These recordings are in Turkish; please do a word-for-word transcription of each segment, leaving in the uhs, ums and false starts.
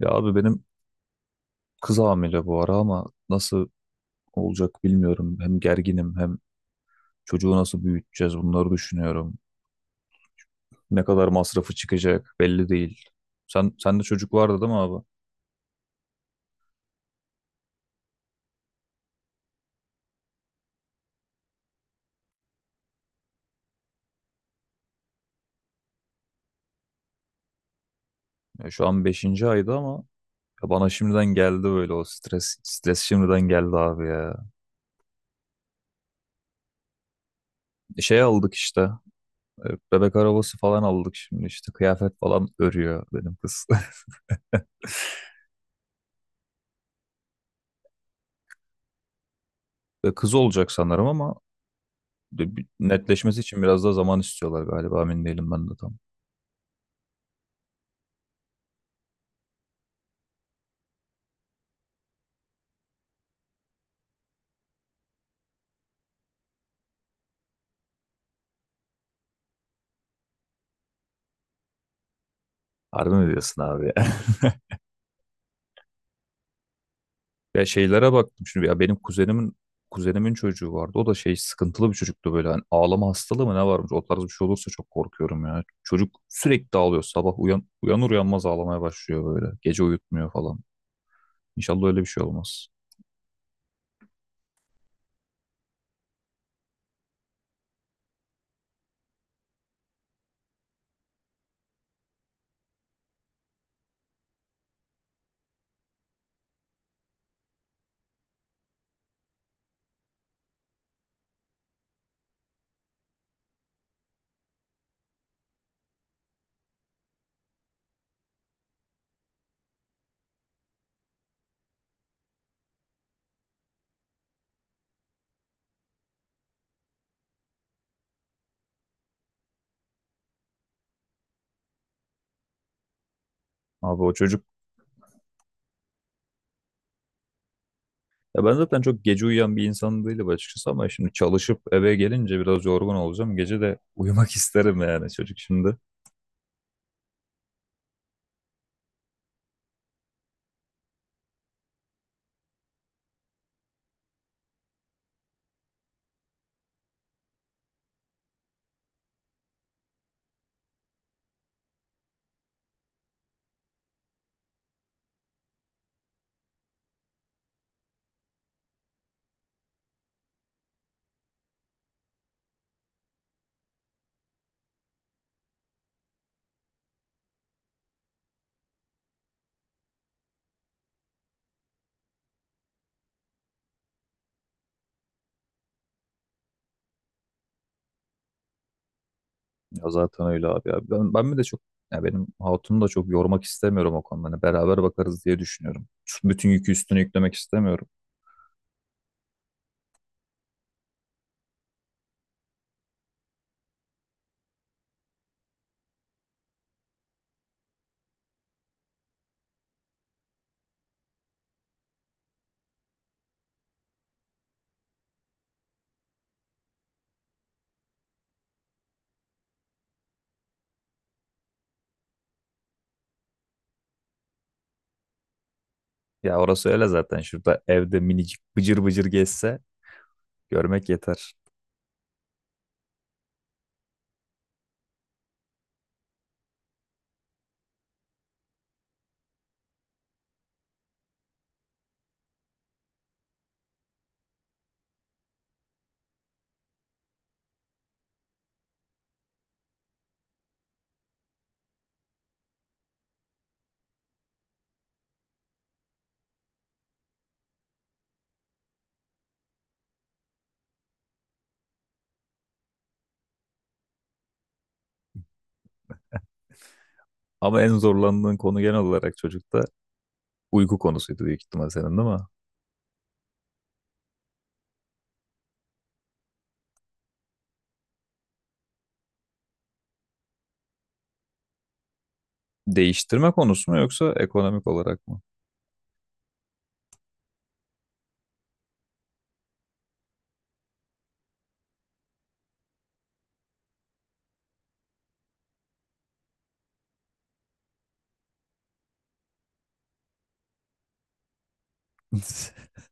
Ya abi benim kız hamile bu ara ama nasıl olacak bilmiyorum. Hem gerginim hem çocuğu nasıl büyüteceğiz bunları düşünüyorum. Ne kadar masrafı çıkacak belli değil. Sen sen de çocuk vardı değil mi abi? Ya şu an beşinci aydı ama ya bana şimdiden geldi böyle o stres stres şimdiden geldi abi ya. E, Şey aldık işte. e, Bebek arabası falan aldık şimdi işte kıyafet falan örüyor benim kız. E, Kız olacak sanırım ama de- bir netleşmesi için biraz daha zaman istiyorlar galiba emin değilim ben de tam. Harbi mi diyorsun abi ya? Ya şeylere baktım şimdi ya benim kuzenimin kuzenimin çocuğu vardı. O da şey sıkıntılı bir çocuktu böyle hani ağlama hastalığı mı ne varmış o tarz bir şey olursa çok korkuyorum ya. Çocuk sürekli ağlıyor sabah uyan, uyanır uyanmaz ağlamaya başlıyor böyle. Gece uyutmuyor falan. İnşallah öyle bir şey olmaz. Abi o çocuk ya ben zaten çok gece uyuyan bir insan değilim açıkçası ama şimdi çalışıp eve gelince biraz yorgun olacağım. Gece de uyumak isterim yani çocuk şimdi. Ya zaten öyle abi ya. Ben, ben mi de çok ya benim hatunu da çok yormak istemiyorum o konuda. Hani beraber bakarız diye düşünüyorum. Şu bütün yükü üstüne yüklemek istemiyorum. Ya orası öyle zaten. Şurada evde minicik bıcır bıcır gezse görmek yeter. Ama en zorlandığın konu genel olarak çocukta uyku konusuydu büyük ihtimal senin değil mi? Değiştirme konusu mu yoksa ekonomik olarak mı?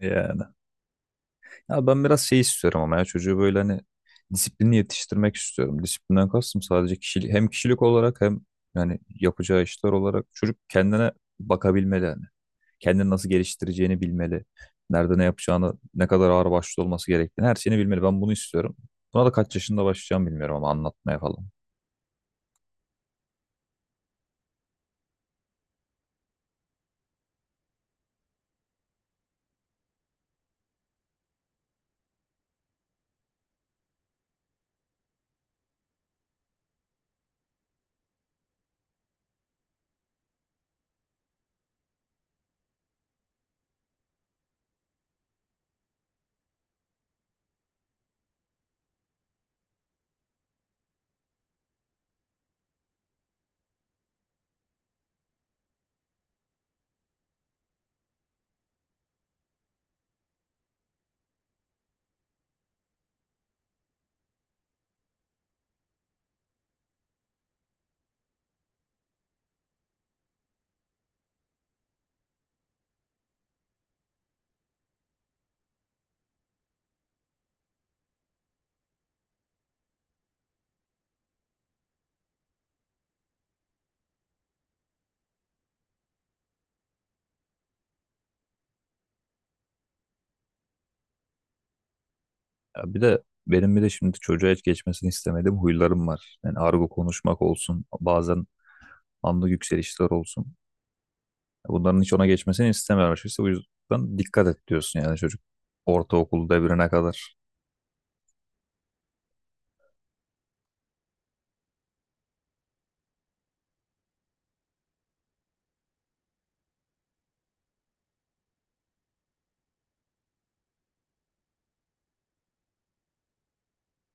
Yani. Ya ben biraz şey istiyorum ama ya çocuğu böyle hani disiplinli yetiştirmek istiyorum. Disiplinden kastım sadece kişilik, hem kişilik olarak hem yani yapacağı işler olarak çocuk kendine bakabilmeli yani. Kendini nasıl geliştireceğini bilmeli. Nerede ne yapacağını, ne kadar ağır başlı olması gerektiğini her şeyini bilmeli. Ben bunu istiyorum. Buna da kaç yaşında başlayacağım bilmiyorum ama anlatmaya falan. Ya bir de benim bir de şimdi çocuğa hiç geçmesini istemediğim huylarım var. Yani argo konuşmak olsun, bazen anlık yükselişler olsun. Bunların hiç ona geçmesini istemiyor açıkçası. O yüzden dikkat et diyorsun yani çocuk. Ortaokul devrine kadar.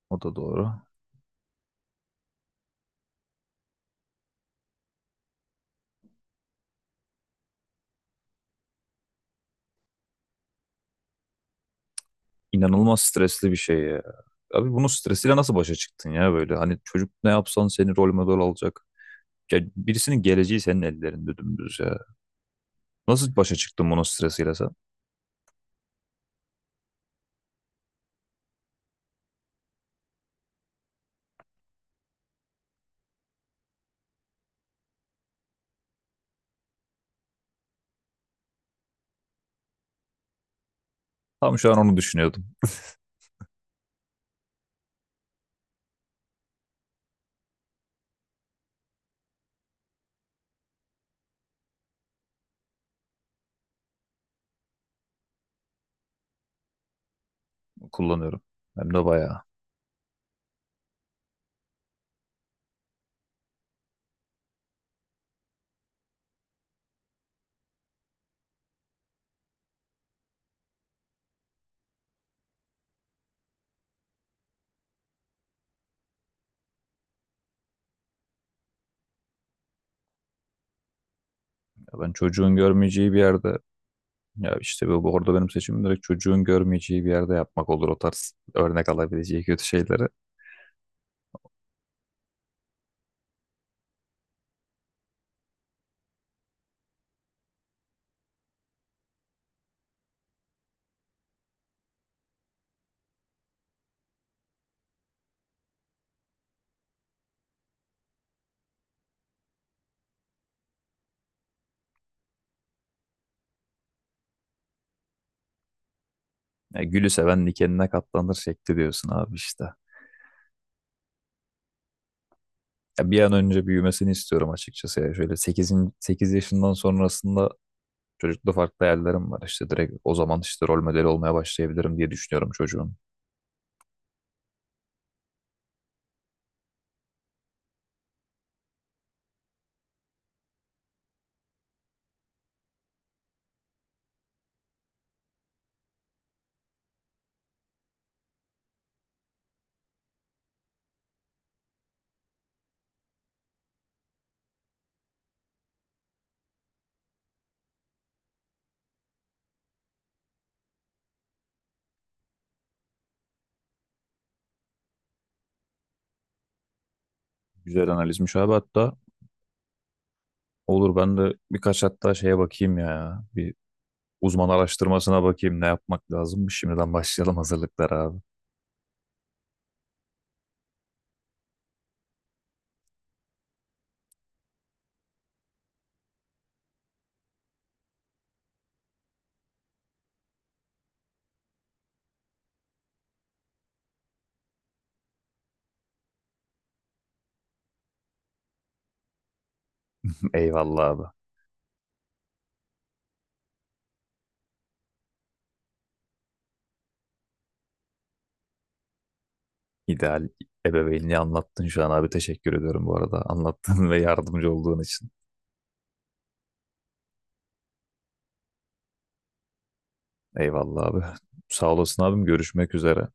O da doğru. İnanılmaz stresli bir şey ya. Abi bunun stresiyle nasıl başa çıktın ya böyle? Hani çocuk ne yapsan seni rol model alacak. Ya birisinin geleceği senin ellerinde dümdüz ya. Nasıl başa çıktın bunun stresiyle sen? Tam şu an onu düşünüyordum. Kullanıyorum. Hem de bayağı. Ya ben çocuğun görmeyeceği bir yerde ya işte bu, bu orada benim seçimim direkt çocuğun görmeyeceği bir yerde yapmak olur o tarz örnek alabileceği kötü şeyleri. Ya gülü seven dikenine katlanır şekli diyorsun abi işte. Ya bir an önce büyümesini istiyorum açıkçası. Ya şöyle sekiz sekiz yaşından sonrasında çocukta farklı hayallerim var. İşte direkt o zaman işte rol modeli olmaya başlayabilirim diye düşünüyorum çocuğun. Güzel analizmiş abi hatta. Olur ben de birkaç hatta şeye bakayım ya. Bir uzman araştırmasına bakayım ne yapmak lazımmış. Şimdiden başlayalım hazırlıklara abi. Eyvallah abi. İdeal ebeveynliği anlattın şu an abi. Teşekkür ediyorum bu arada. Anlattığın ve yardımcı olduğun için. Eyvallah abi. Sağ olasın abim. Görüşmek üzere.